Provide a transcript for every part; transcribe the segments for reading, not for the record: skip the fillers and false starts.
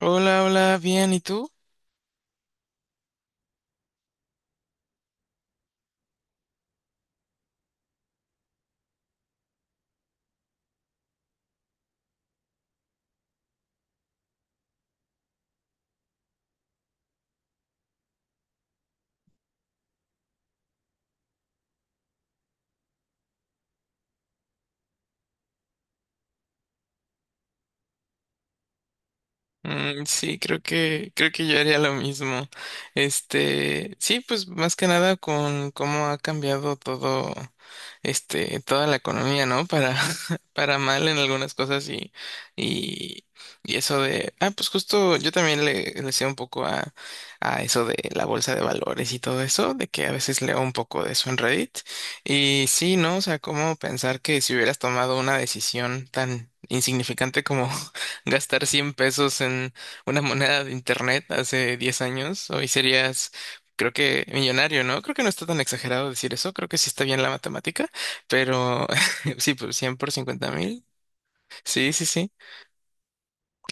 Hola, hola, bien, ¿y tú? Mm, sí, creo que yo haría lo mismo. Sí, pues más que nada con cómo ha cambiado todo, toda la economía, ¿no? Para, para mal en algunas cosas y, y, y, eso de, pues justo yo también le sé un poco a eso de la bolsa de valores y todo eso, de que a veces leo un poco de eso en Reddit. Y sí, ¿no? O sea, cómo pensar que si hubieras tomado una decisión tan insignificante como gastar 100 pesos en una moneda de internet hace 10 años, hoy serías, creo que, millonario, ¿no? Creo que no está tan exagerado decir eso, creo que sí está bien la matemática, pero sí, pues 100 por 50.000, sí, sí, sí.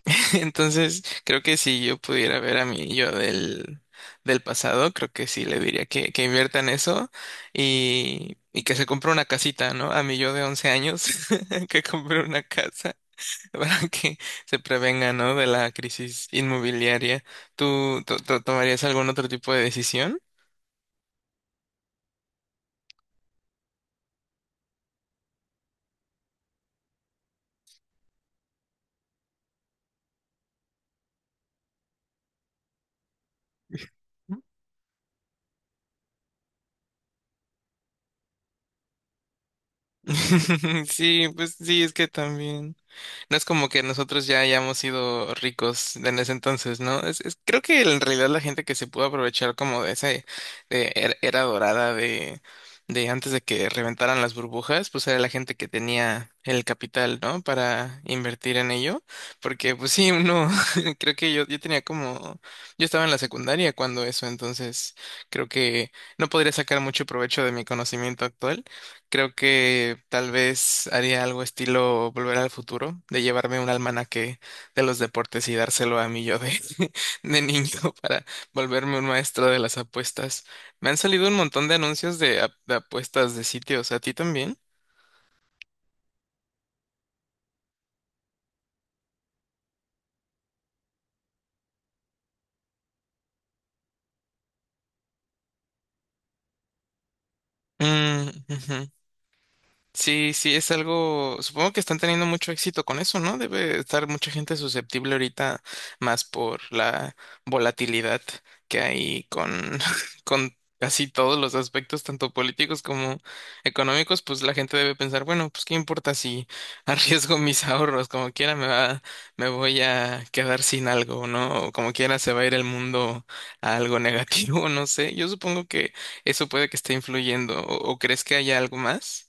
Entonces, creo que si yo pudiera ver a mi yo del pasado, creo que sí le diría que invierta en eso y que se compre una casita, ¿no? A mi yo de 11 años, que compre una casa para que se prevenga, ¿no? De la crisis inmobiliaria. ¿Tú, tomarías algún otro tipo de decisión? Sí, pues sí, es que también. No es como que nosotros ya hayamos sido ricos en ese entonces, ¿no? Creo que en realidad la gente que se pudo aprovechar como de esa de era dorada de antes de que reventaran las burbujas, pues era la gente que tenía el capital, ¿no? Para invertir en ello. Porque, pues sí, uno, creo que yo tenía como, yo estaba en la secundaria cuando eso, entonces creo que no podría sacar mucho provecho de mi conocimiento actual. Creo que tal vez haría algo estilo Volver al Futuro, de llevarme un almanaque de los deportes y dárselo a mi yo de, de niño para volverme un maestro de las apuestas. Me han salido un montón de anuncios de apuestas de sitios, ¿a ti también? Mm, ujú. Sí, sí, es algo, supongo que están teniendo mucho éxito con eso, ¿no? Debe estar mucha gente susceptible ahorita más por la volatilidad que hay con, con casi todos los aspectos, tanto políticos como económicos, pues la gente debe pensar, bueno, pues qué importa si arriesgo mis ahorros, como quiera me va, me voy a quedar sin algo, ¿no? O como quiera se va a ir el mundo a algo negativo, no sé. Yo supongo que eso puede que esté influyendo, ¿o crees que haya algo más?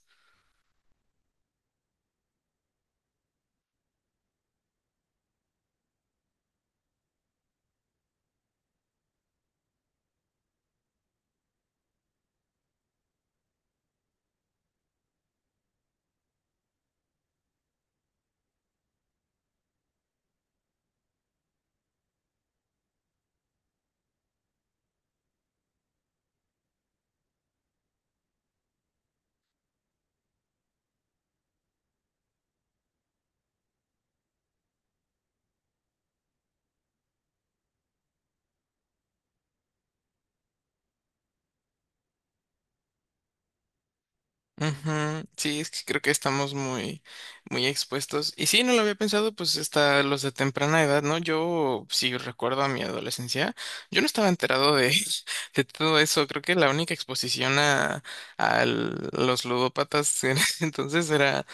Ujú, sí, es que creo que estamos muy, muy expuestos. Y sí, no lo había pensado, pues hasta los de temprana edad, ¿no? Yo, si recuerdo a mi adolescencia, yo no estaba enterado de, de todo eso. Creo que la única exposición a, los ludópatas en ese entonces era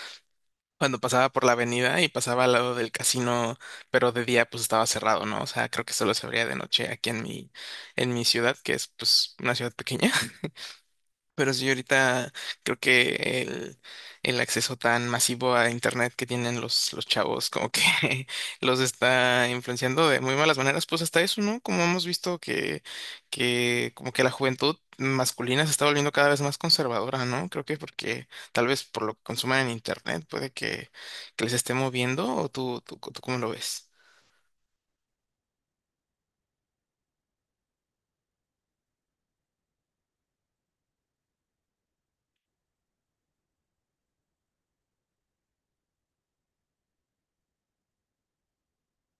cuando pasaba por la avenida y pasaba al lado del casino, pero de día pues estaba cerrado, ¿no? O sea, creo que solo se abría de noche aquí en mi ciudad, que es pues una ciudad pequeña. Pero sí, ahorita creo que el acceso tan masivo a internet que tienen los chavos como que los está influenciando de muy malas maneras, pues hasta eso, ¿no? Como hemos visto que como que la juventud masculina se está volviendo cada vez más conservadora, ¿no? Creo que porque tal vez por lo que consumen en internet puede que les esté moviendo o tú ¿cómo lo ves?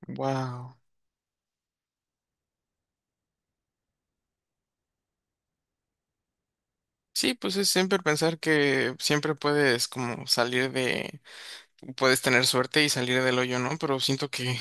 Wow. Sí, pues es siempre pensar que siempre puedes como salir de puedes tener suerte y salir del hoyo, ¿no? Pero siento que,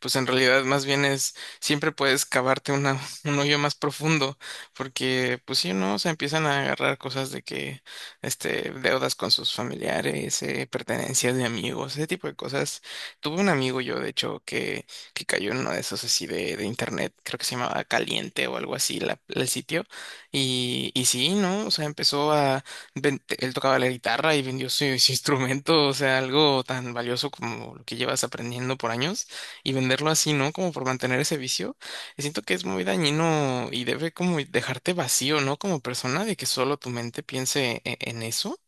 pues en realidad más bien es, siempre puedes cavarte una, un hoyo más profundo, porque, pues sí, ¿no? O sea, empiezan a agarrar cosas de que, deudas con sus familiares, pertenencias de amigos, ese tipo de cosas. Tuve un amigo yo, de hecho, que cayó en uno de esos así de, internet, creo que se llamaba Caliente o algo así, el sitio, y sí, ¿no? O sea, él tocaba la guitarra y vendió su, su instrumento, o sea, algo tan valioso como lo que llevas aprendiendo por años y venderlo así, ¿no? Como por mantener ese vicio. Y siento que es muy dañino y debe como dejarte vacío, ¿no? Como persona, de que solo tu mente piense en eso.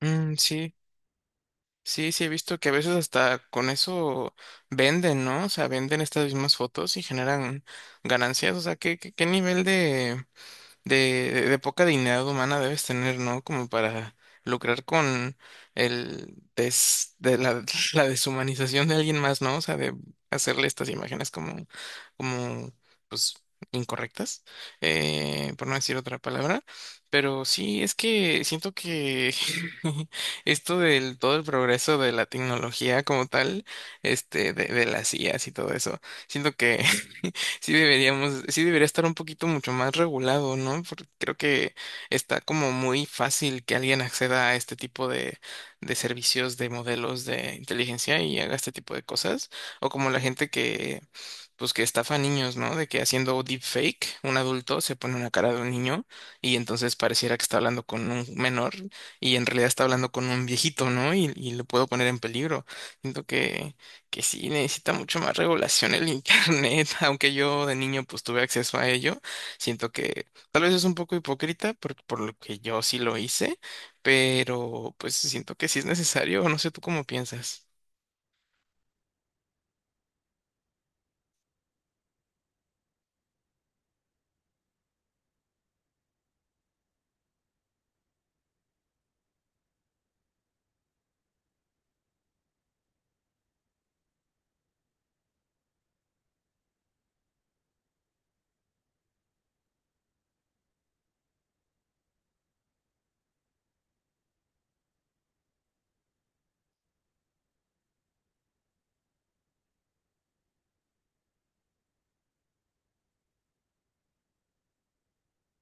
Mm, sí, sí, sí, he visto que a veces hasta con eso venden, ¿no? O sea, venden estas mismas fotos y generan ganancias, o sea, ¿qué nivel de poca dignidad humana debes tener? ¿No? Como para lucrar con de la, la deshumanización de alguien más, ¿no? O sea, de hacerle estas imágenes como, pues, incorrectas, por no decir otra palabra. Pero sí, es que siento que esto del todo el progreso de la tecnología como tal, de, las IAs y todo eso, siento que sí debería estar un poquito mucho más regulado, ¿no? Porque creo que está como muy fácil que alguien acceda a este tipo de servicios de modelos de inteligencia y haga este tipo de cosas, o como la gente que que estafa a niños, ¿no? De que haciendo deepfake, un adulto se pone una cara de un niño y entonces pareciera que está hablando con un menor y en realidad está hablando con un viejito, ¿no? Y lo puedo poner en peligro. Siento que sí necesita mucho más regulación el internet, aunque yo de niño pues tuve acceso a ello. Siento que tal vez es un poco hipócrita por lo que yo sí lo hice, pero pues siento que sí es necesario, no sé tú cómo piensas.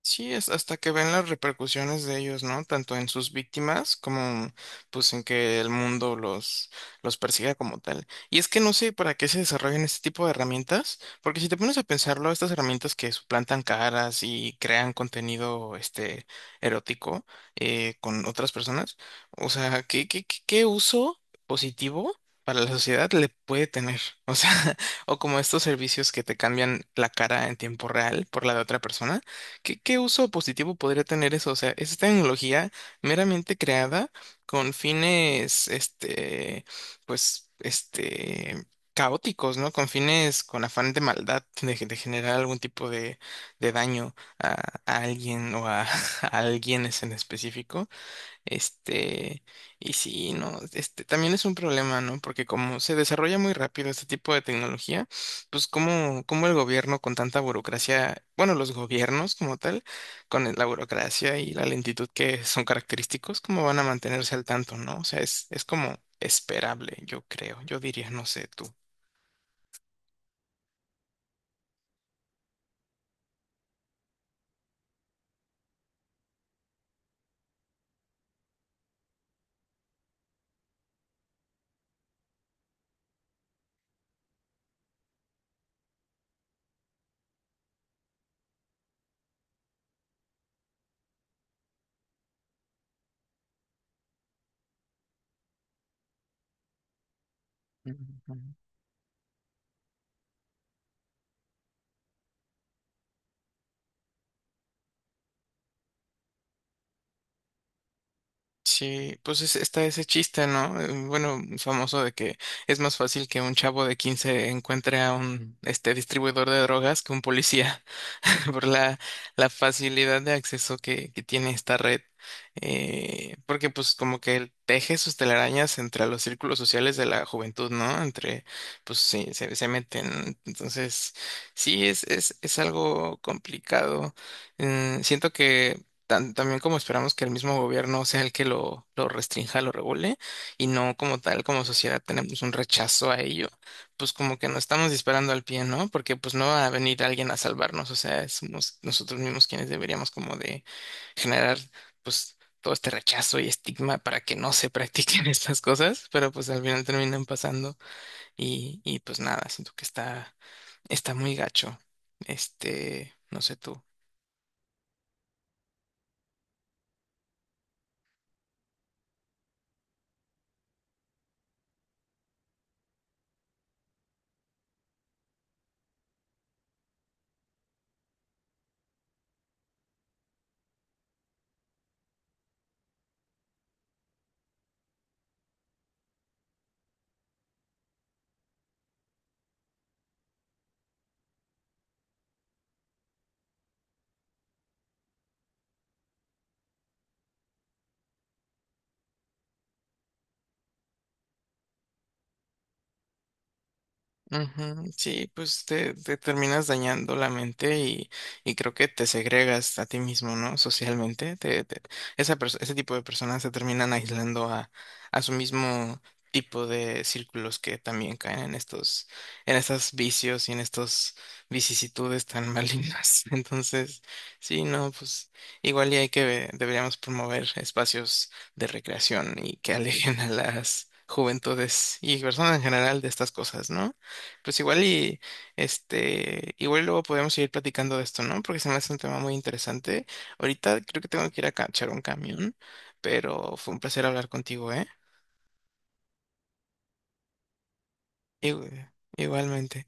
Sí, es hasta que ven las repercusiones de ellos, ¿no? Tanto en sus víctimas como pues en que el mundo los persiga como tal. Y es que no sé para qué se desarrollan este tipo de herramientas, porque si te pones a pensarlo, estas herramientas que suplantan caras y crean contenido erótico con otras personas, o sea, ¿qué uso positivo para la sociedad le puede tener? O sea, o como estos servicios que te cambian la cara en tiempo real por la de otra persona. ¿Qué uso positivo podría tener eso? O sea, es tecnología meramente creada con fines, pues, caóticos, ¿no? Con fines, con afán de maldad, de generar algún tipo de daño a alguien o a, a alguienes en específico. Este, y sí, no, también es un problema, ¿no? Porque como se desarrolla muy rápido este tipo de tecnología, pues como el gobierno con tanta burocracia, bueno, los gobiernos como tal, con la burocracia y la lentitud que son característicos, ¿cómo van a mantenerse al tanto? ¿No? O sea, es como esperable, yo creo, yo diría, no sé tú. Sí, pues está ese chiste, ¿no? Bueno, famoso de que es más fácil que un chavo de 15 encuentre a un distribuidor de drogas que un policía. Por la facilidad de acceso que tiene esta red. Porque pues como que él teje sus telarañas entre los círculos sociales de la juventud, ¿no? Entre, pues sí, se meten. Entonces, sí, es algo complicado. Siento que también como esperamos que el mismo gobierno sea el que lo restrinja, lo regule, y no como tal, como sociedad tenemos un rechazo a ello pues como que nos estamos disparando al pie, ¿no? Porque pues no va a venir alguien a salvarnos, o sea, somos nosotros mismos quienes deberíamos como de generar pues todo este rechazo y estigma para que no se practiquen estas cosas, pero pues al final terminan pasando y pues nada, siento que está muy gacho. No sé tú. Ujú, sí, pues te terminas dañando la mente y creo que te segregas a ti mismo, ¿no? Socialmente. Ese tipo de personas se terminan aislando a, su mismo tipo de círculos que también caen en estos vicios y en estas vicisitudes tan malignas. Entonces, sí, no, pues igual y deberíamos promover espacios de recreación y que alejen a las juventudes y personas en general de estas cosas, ¿no? Pues igual y igual luego podemos seguir platicando de esto, ¿no? Porque se me hace un tema muy interesante. Ahorita creo que tengo que ir a cachar un camión, pero fue un placer hablar contigo, ¿eh? Igu- Igualmente.